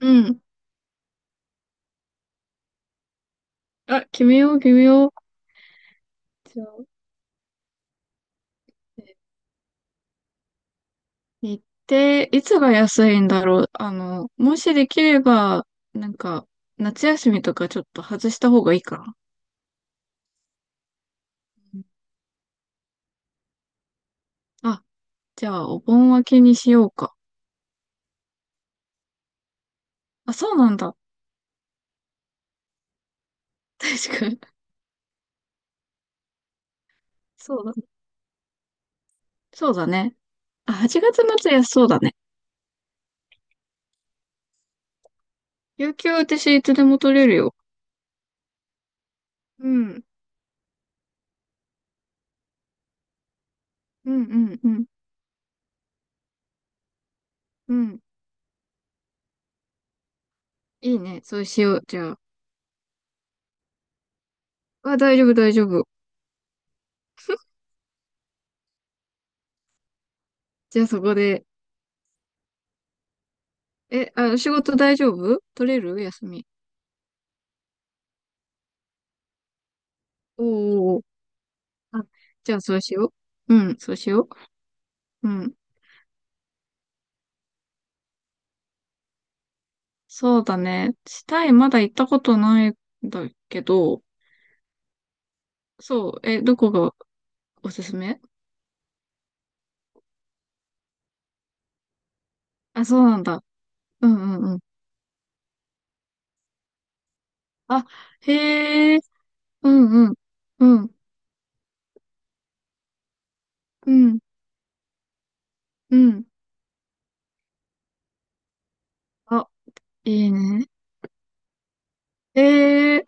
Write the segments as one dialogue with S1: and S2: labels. S1: うん。あ、決めよう、決めよう。じゃあ、行って、いつが安いんだろう。もしできれば、なんか、夏休みとかちょっと外した方がいいかな。うん。あ、じゃあ、お盆明けにしようか。あ、そうなんだ。確かに。そうだ。そうだね。あ、8月末安そうだね。有給私いつでも取れるよ。うん。うん、うん、うん。うん。いいね。そうしよう。じゃあ。あ、大丈夫、大丈夫。じゃあそこで。え、あ、仕事大丈夫取れる休み？おーおーおー。あ、じゃあそうしよう。うん、そうしよう。うん。そうだね。タイまだ行ったことないんだけど、そう、え、どこがおすすめ？あ、そうなんだ。うんうんうん。あ、へえ、うんうん。うん、うん、うん。あ、いいね。へえ、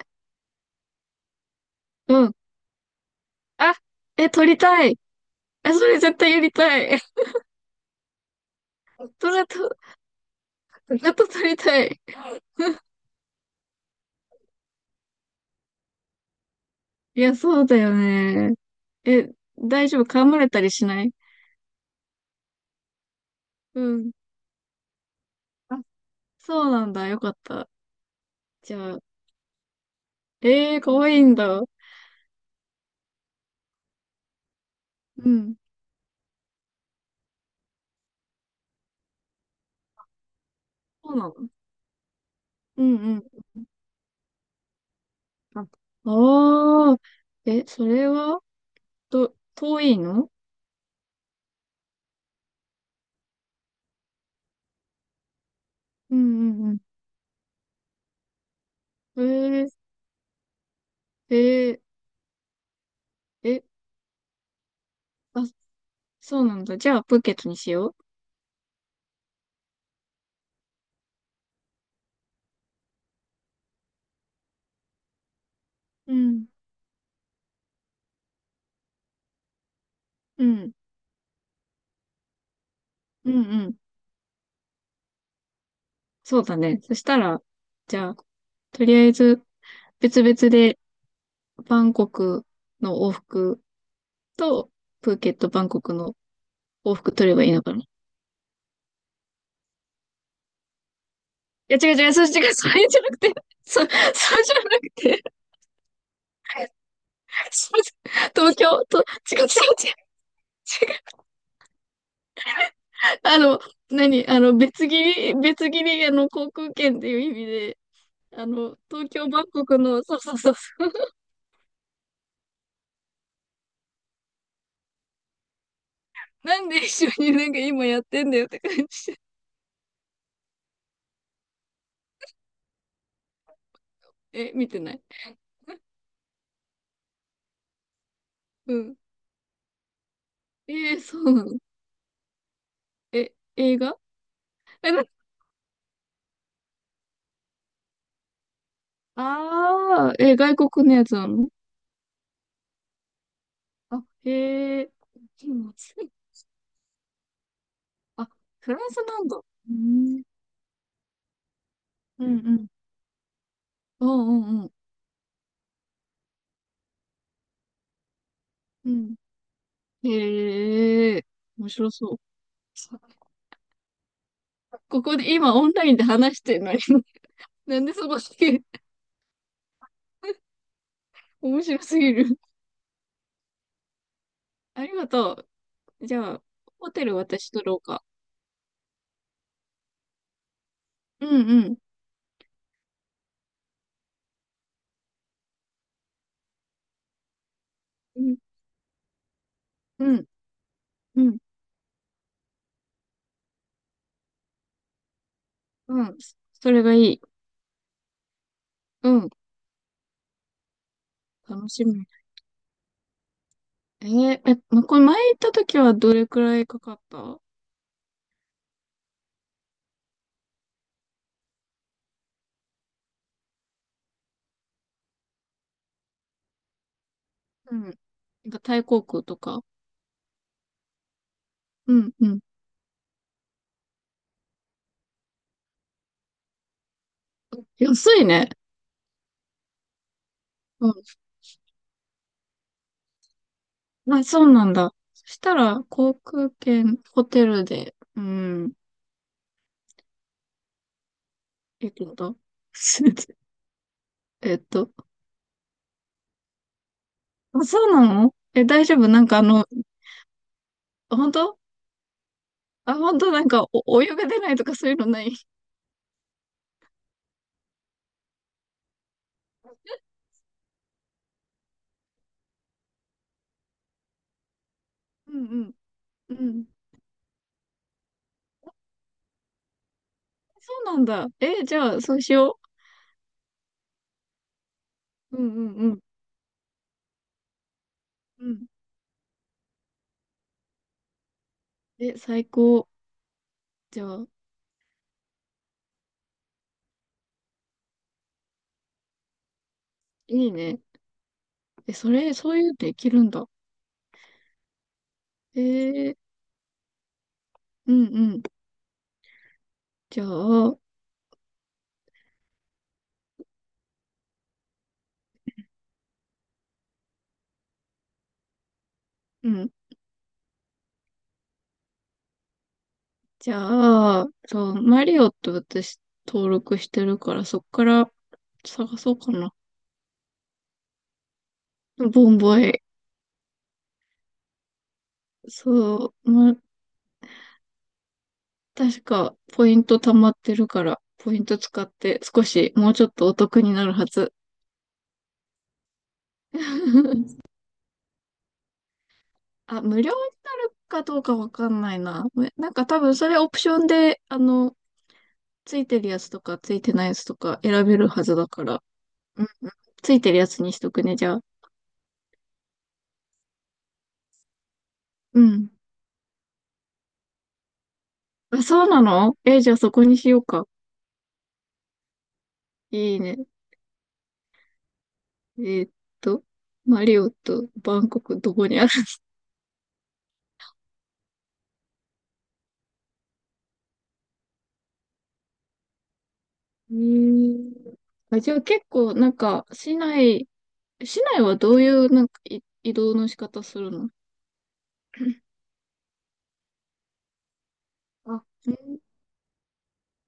S1: うん。あ、え、撮りたい。え、それ絶対やりたい。ずっと、ずっと撮りたい。いや、そうだよね。え、大丈夫噛まれたりしない？うん。あ、そうなんだ。よかった。じゃあ、かわいいんだ。うん。そうなの？うんうん。あ、ああ、え、それは、と遠いの？うんうんうん。ー、えー、え、あ、そうなんだ。じゃあ、プーケットにしよう。うん。うん。うんうん。そうだね。そしたら、じゃあ、とりあえず、別々で、バンコクの往復と、プーケット、バンコクの往復取ればいいのかな。いや、違う違う、そう、違う、それじゃなくて、そ、そうじゃなくて、すいません東京、と、違う違う違う、違う、あの、何、別切り、別切り、航空券っていう意味で、東京、バンコクの、そうそうそう、なんで一緒になんか今やってんだよって感じ。え、見てない？うん。そうなの？え、映画？え、なああ、え、外国のやつなの？あ、へえ、そう、あ、フランスなんだ。うん。うんうん。うんうんうん。うん。へえ、面白そう。さここで今オンラインで話してるのに なんでその先 面白すぎる。ありがとう。じゃあ、ホテル私取ろうか。うんうん。うん、うん、うん、うん。それがいい。うん。楽しみ。え、ま、これ前行った時はどれくらいかかった？うん。なんかタイ航空とか。うん、うん。安いね。あ、そうなんだ。そしたら、航空券、ホテルで、うん、えっと、えっと、あ、そうなの？え、大丈夫？なんか本当？あ、本当？なんか、お、お湯が出ないとかそういうのない？うんうん、うん。そうなんだ。え、じゃあ、そうしよう。うんうんうん。うん。え、最高。じゃあ、いいね。え、それ、そういうのできるんだ。えー、うんうん。じゃあ、うん。じゃあ、そう、マリオって私登録してるから、そっから探そうかな。ボンボイ。そう、まあ、確かポイント溜まってるから、ポイント使って少しもうちょっとお得になるはず。あ、無料になるかどうかわかんないな。なんか多分それオプションで、ついてるやつとかついてないやつとか選べるはずだから。うん、ついてるやつにしとくね、じゃあ。うん。あ、そうなの？え、じゃあそこにしようか。いいね。えーっと、マリオとバンコクどこにある？ えー、あ、じゃあ結構なんか市内、市内はどういうなんかい移動の仕方するの？ あ、うん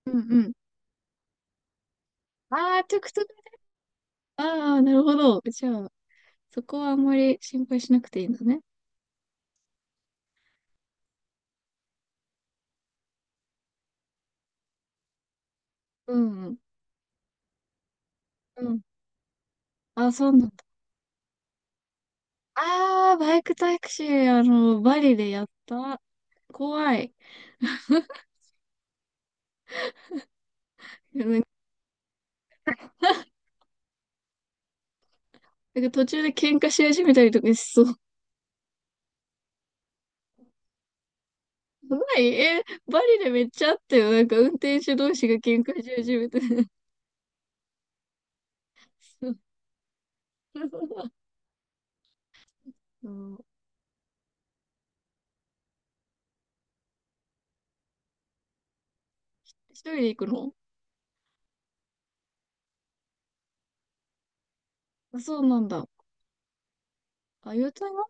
S1: うんうん。ああ、トゥクトゥク。ああ、なるほど。じゃあ、そこはあんまり心配しなくていいんだね。うんうん。うん。あ、そうなんだ。ああ、バイクタクシー、バリでやった。怖い。なんか なんか途中で喧嘩し始めたりとかしそう。やばい、え、バリでめっちゃあったよ。なんか運転手同士が喧嘩し始めて。そうそう 一人で行くの？あ、そうなんだ。あ、優待は？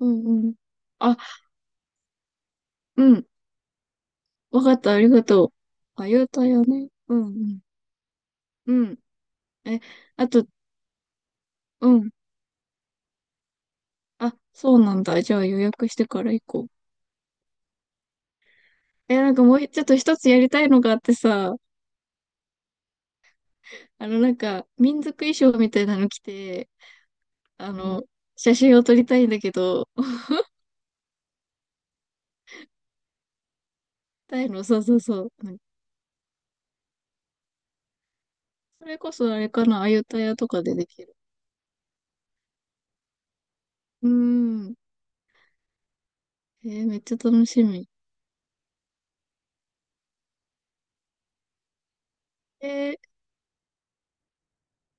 S1: うんうん。あ、うん。わかった、ありがとう。あ、優待はね。うんうん。うん。え、あと、うん。あ、そうなんだ。じゃあ予約してから行こう。え、なんかもうちょっと一つやりたいのがあってさ、なんか民族衣装みたいなの着て、あの、写真を撮りたいんだけど、タイの、そうそうそう。それこそあれかな、あゆたやとかでできる。うーん。めっちゃ楽しみ。えー、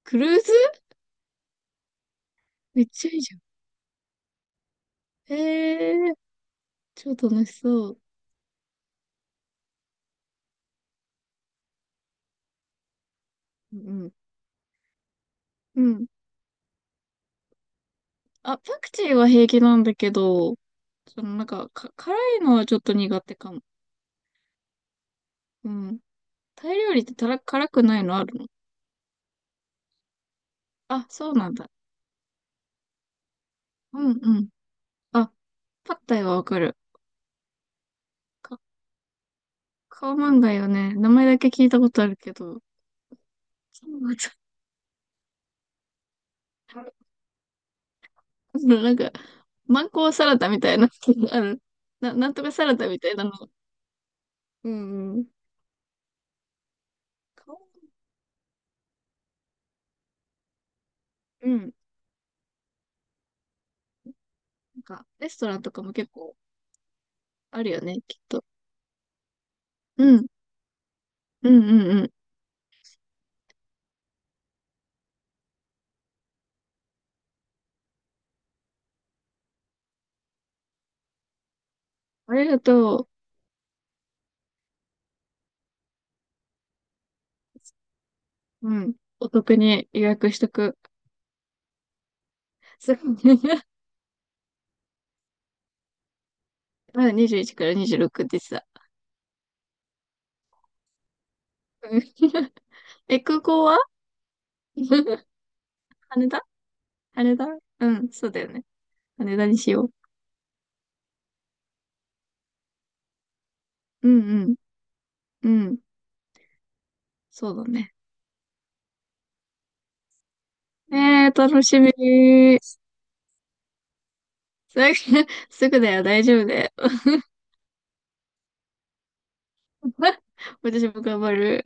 S1: クルーズ？めっちゃいいじゃん。超楽しそう。うん、うん。うん。あ、パクチーは平気なんだけど、そのなんか、辛いのはちょっと苦手かも。うん。タイ料理ってたら、辛くないのあるの？あ、そうなんだ。うんうん。あ、パッタイはわかる。か、カオマンガイよね。名前だけ聞いたことあるけど、そうなんだ。なんか、マンゴーサラダみたいな、あの、なんとかサラダみたいなの。うんうん。顔うん。なんか、レストランとかも結構あるよね、きっと。うん。うんうんうん。ありがとう。うん。お得に予約しとく。そう まだ21から26でした。うん え、空港は？ 羽田、羽田。うん、そうだよね。羽田にしよう。うんうん。うん。そうだね。楽しみ。すぐ、すぐだよ、大丈夫だよ。私も頑張る。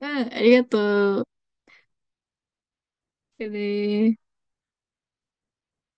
S1: うん、ありがとう。じゃあねー。